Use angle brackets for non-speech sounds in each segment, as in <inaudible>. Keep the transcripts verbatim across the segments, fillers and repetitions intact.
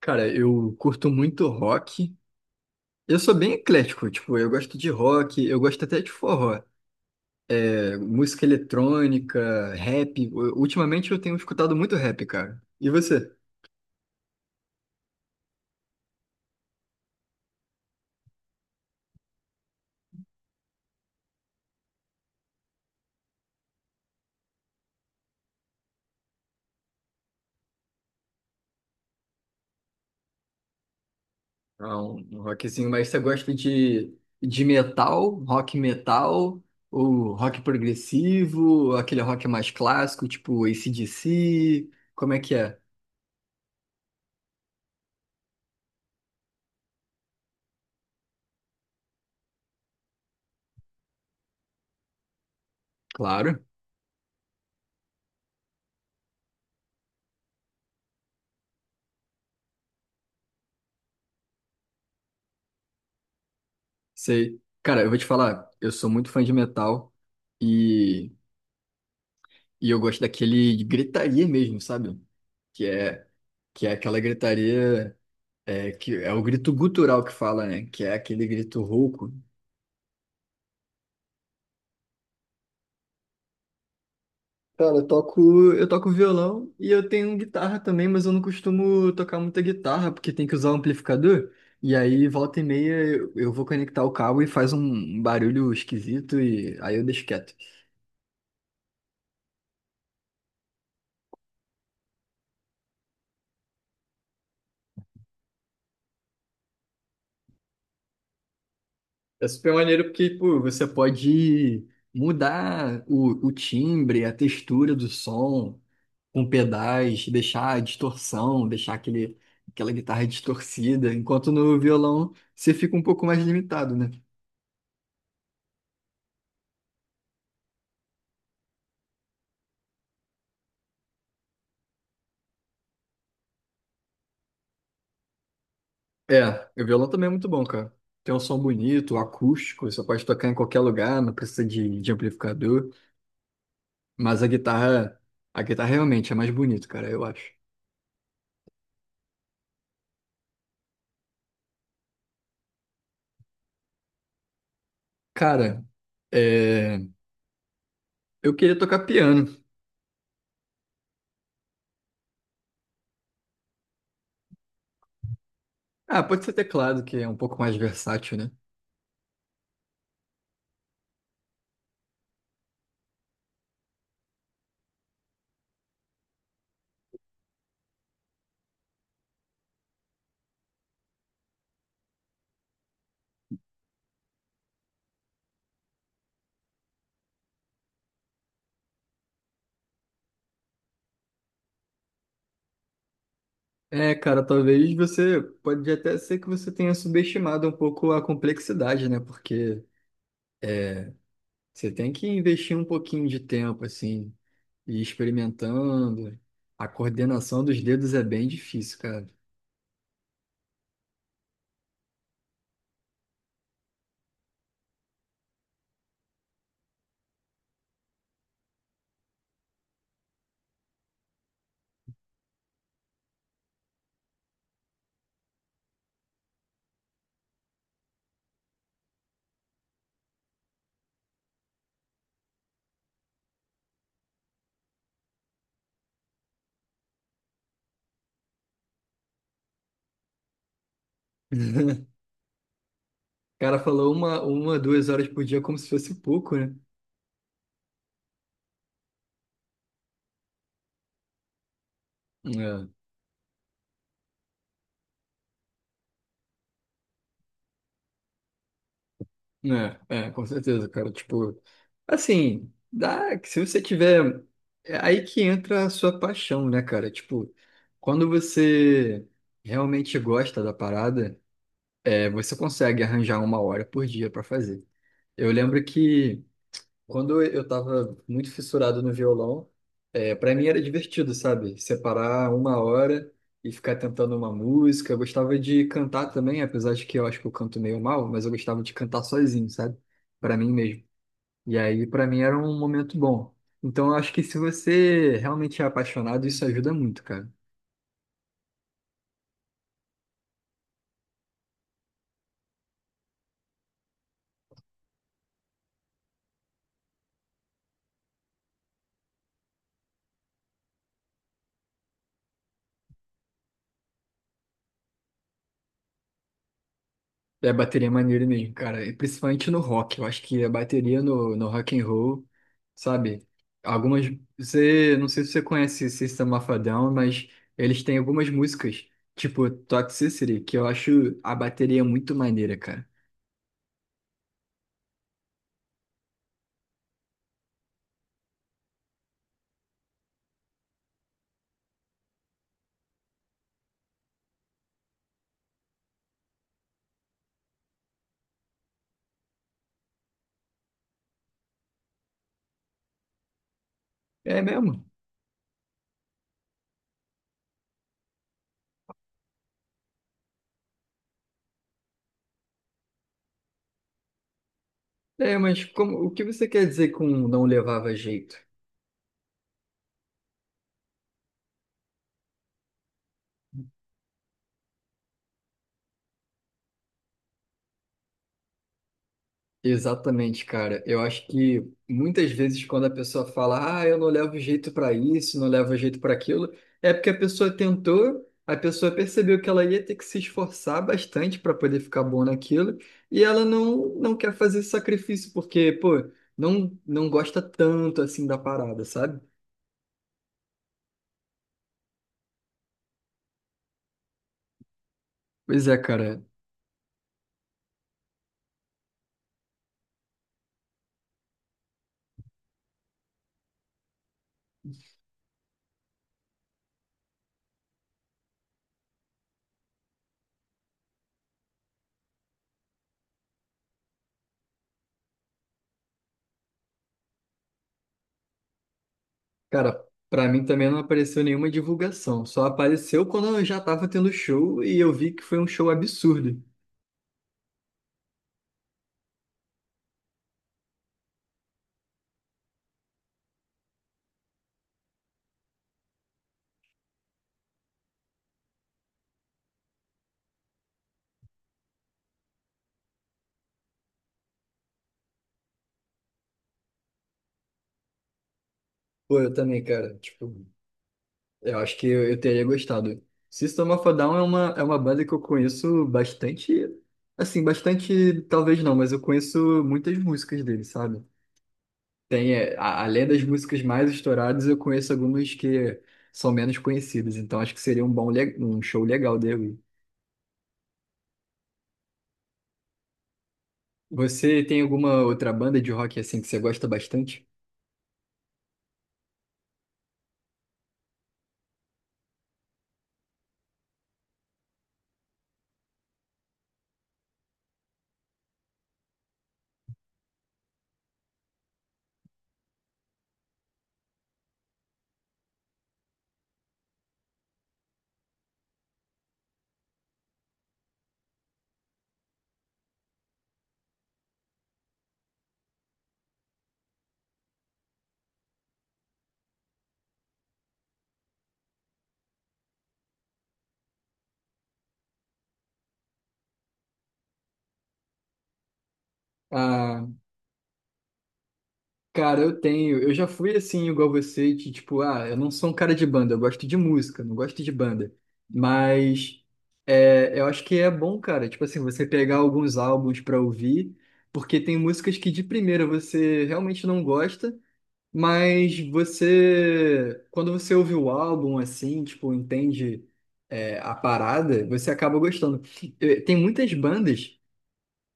Cara, eu curto muito rock. Eu sou bem eclético, tipo, eu gosto de rock, eu gosto até de forró. É, música eletrônica, rap. U- Ultimamente eu tenho escutado muito rap, cara. E você? Ah, um um rockzinho, mas você gosta de, de metal, rock metal, ou rock progressivo, ou aquele rock mais clássico, tipo A C/D C? Como é que é? Claro, sei. Cara, eu vou te falar, eu sou muito fã de metal. e E eu gosto daquele de gritaria mesmo, sabe? Que é, que é aquela gritaria, é, que é o grito gutural que fala, né? Que é aquele grito rouco. Cara, eu toco, eu toco violão e eu tenho guitarra também, mas eu não costumo tocar muita guitarra, porque tem que usar o amplificador. E aí, volta e meia, eu eu vou conectar o cabo e faz um barulho esquisito e aí eu deixo quieto. É super maneiro porque, pô, você pode mudar o, o timbre, a textura do som com pedais, deixar a distorção, deixar aquele, aquela guitarra distorcida, enquanto no violão você fica um pouco mais limitado, né? É, o violão também é muito bom, cara. Tem um som bonito, acústico, você pode tocar em qualquer lugar, não precisa de, de amplificador, mas a guitarra, a guitarra realmente é mais bonito, cara, eu acho. Cara, é, eu queria tocar piano. Ah, pode ser teclado, que é um pouco mais versátil, né? É, cara, talvez você pode até ser que você tenha subestimado um pouco a complexidade, né? Porque é, Você tem que investir um pouquinho de tempo, assim, e ir experimentando. A coordenação dos dedos é bem difícil, cara. <laughs> O cara falou uma, uma, duas horas por dia como se fosse pouco, né? É. É, é, com certeza, cara. Tipo, assim, dá que se você tiver. É aí que entra a sua paixão, né, cara? Tipo, quando você realmente gosta da parada, é, você consegue arranjar uma hora por dia pra fazer. Eu lembro que quando eu tava muito fissurado no violão, é, para mim era divertido, sabe? Separar uma hora e ficar tentando uma música. Eu gostava de cantar também, apesar de que eu acho que eu canto meio mal, mas eu gostava de cantar sozinho, sabe? Para mim mesmo. E aí, para mim era um momento bom. Então, eu acho que se você realmente é apaixonado, isso ajuda muito, cara. É, bateria é maneiro mesmo, cara. E principalmente no rock. Eu acho que a bateria no, no rock and roll, sabe? Algumas. Você, não sei se você conhece System of a Down, mas eles têm algumas músicas, tipo Toxicity, que eu acho a bateria muito maneira, cara. É mesmo? É, mas como, o que você quer dizer com não levava jeito? Exatamente, cara. Eu acho que muitas vezes quando a pessoa fala, ah, eu não levo jeito para isso, não levo jeito para aquilo, é porque a pessoa tentou, a pessoa percebeu que ela ia ter que se esforçar bastante para poder ficar boa naquilo, e ela não, não quer fazer esse sacrifício porque, pô, não, não gosta tanto assim da parada, sabe? Pois é, cara. Cara, para mim também não apareceu nenhuma divulgação, só apareceu quando eu já tava tendo show e eu vi que foi um show absurdo. Pô, eu também, cara. Tipo, eu acho que eu, eu teria gostado. System of a Down é uma, é uma banda que eu conheço bastante, assim, bastante, talvez não, mas eu conheço muitas músicas dele, sabe? Tem, é, a- além das músicas mais estouradas, eu conheço algumas que são menos conhecidas, então acho que seria um bom, le- um show legal dele. Você tem alguma outra banda de rock assim que você gosta bastante? Ah, cara, eu tenho. Eu já fui assim, igual você, de, tipo, ah, eu não sou um cara de banda, eu gosto de música, não gosto de banda. Mas é, eu acho que é bom, cara, tipo assim, você pegar alguns álbuns pra ouvir, porque tem músicas que de primeira você realmente não gosta, mas você, quando você ouve o álbum assim, tipo, entende é, a parada, você acaba gostando. Eh, Tem muitas bandas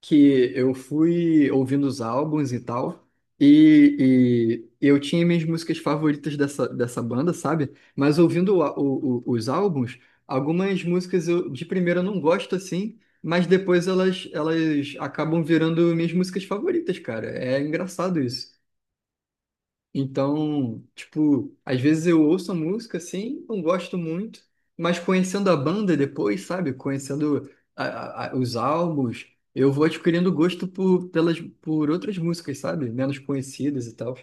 que eu fui ouvindo os álbuns e tal, e, e eu tinha minhas músicas favoritas dessa, dessa banda, sabe? Mas ouvindo o á- o- o- os álbuns, algumas músicas eu de primeira não gosto assim, mas depois elas, elas acabam virando minhas músicas favoritas, cara. É engraçado isso. Então, tipo, às vezes eu ouço a música assim, não gosto muito, mas conhecendo a banda depois, sabe? Conhecendo a- a- a- os álbuns, eu vou adquirindo gosto por, pelas, por outras músicas, sabe? Menos conhecidas e tal.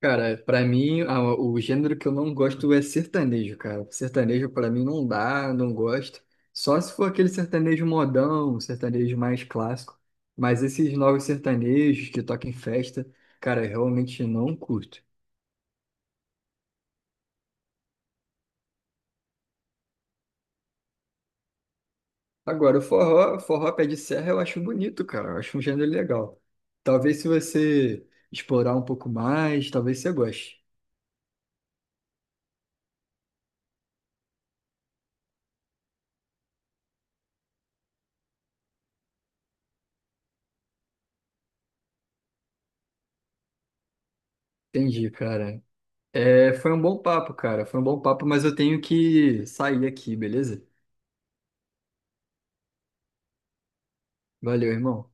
Cara, pra mim, a- o gênero que eu não gosto é sertanejo, cara. Sertanejo pra mim não dá, não gosto. Só se for aquele sertanejo modão, um sertanejo mais clássico. Mas esses novos sertanejos que tocam em festa, cara, eu realmente não curto. Agora, o forró, forró pé de serra eu acho bonito, cara. Eu acho um gênero legal. Talvez se você explorar um pouco mais, talvez você goste. Entendi, cara. É, foi um bom papo, cara. Foi um bom papo, mas eu tenho que sair aqui, beleza? Valeu, irmão.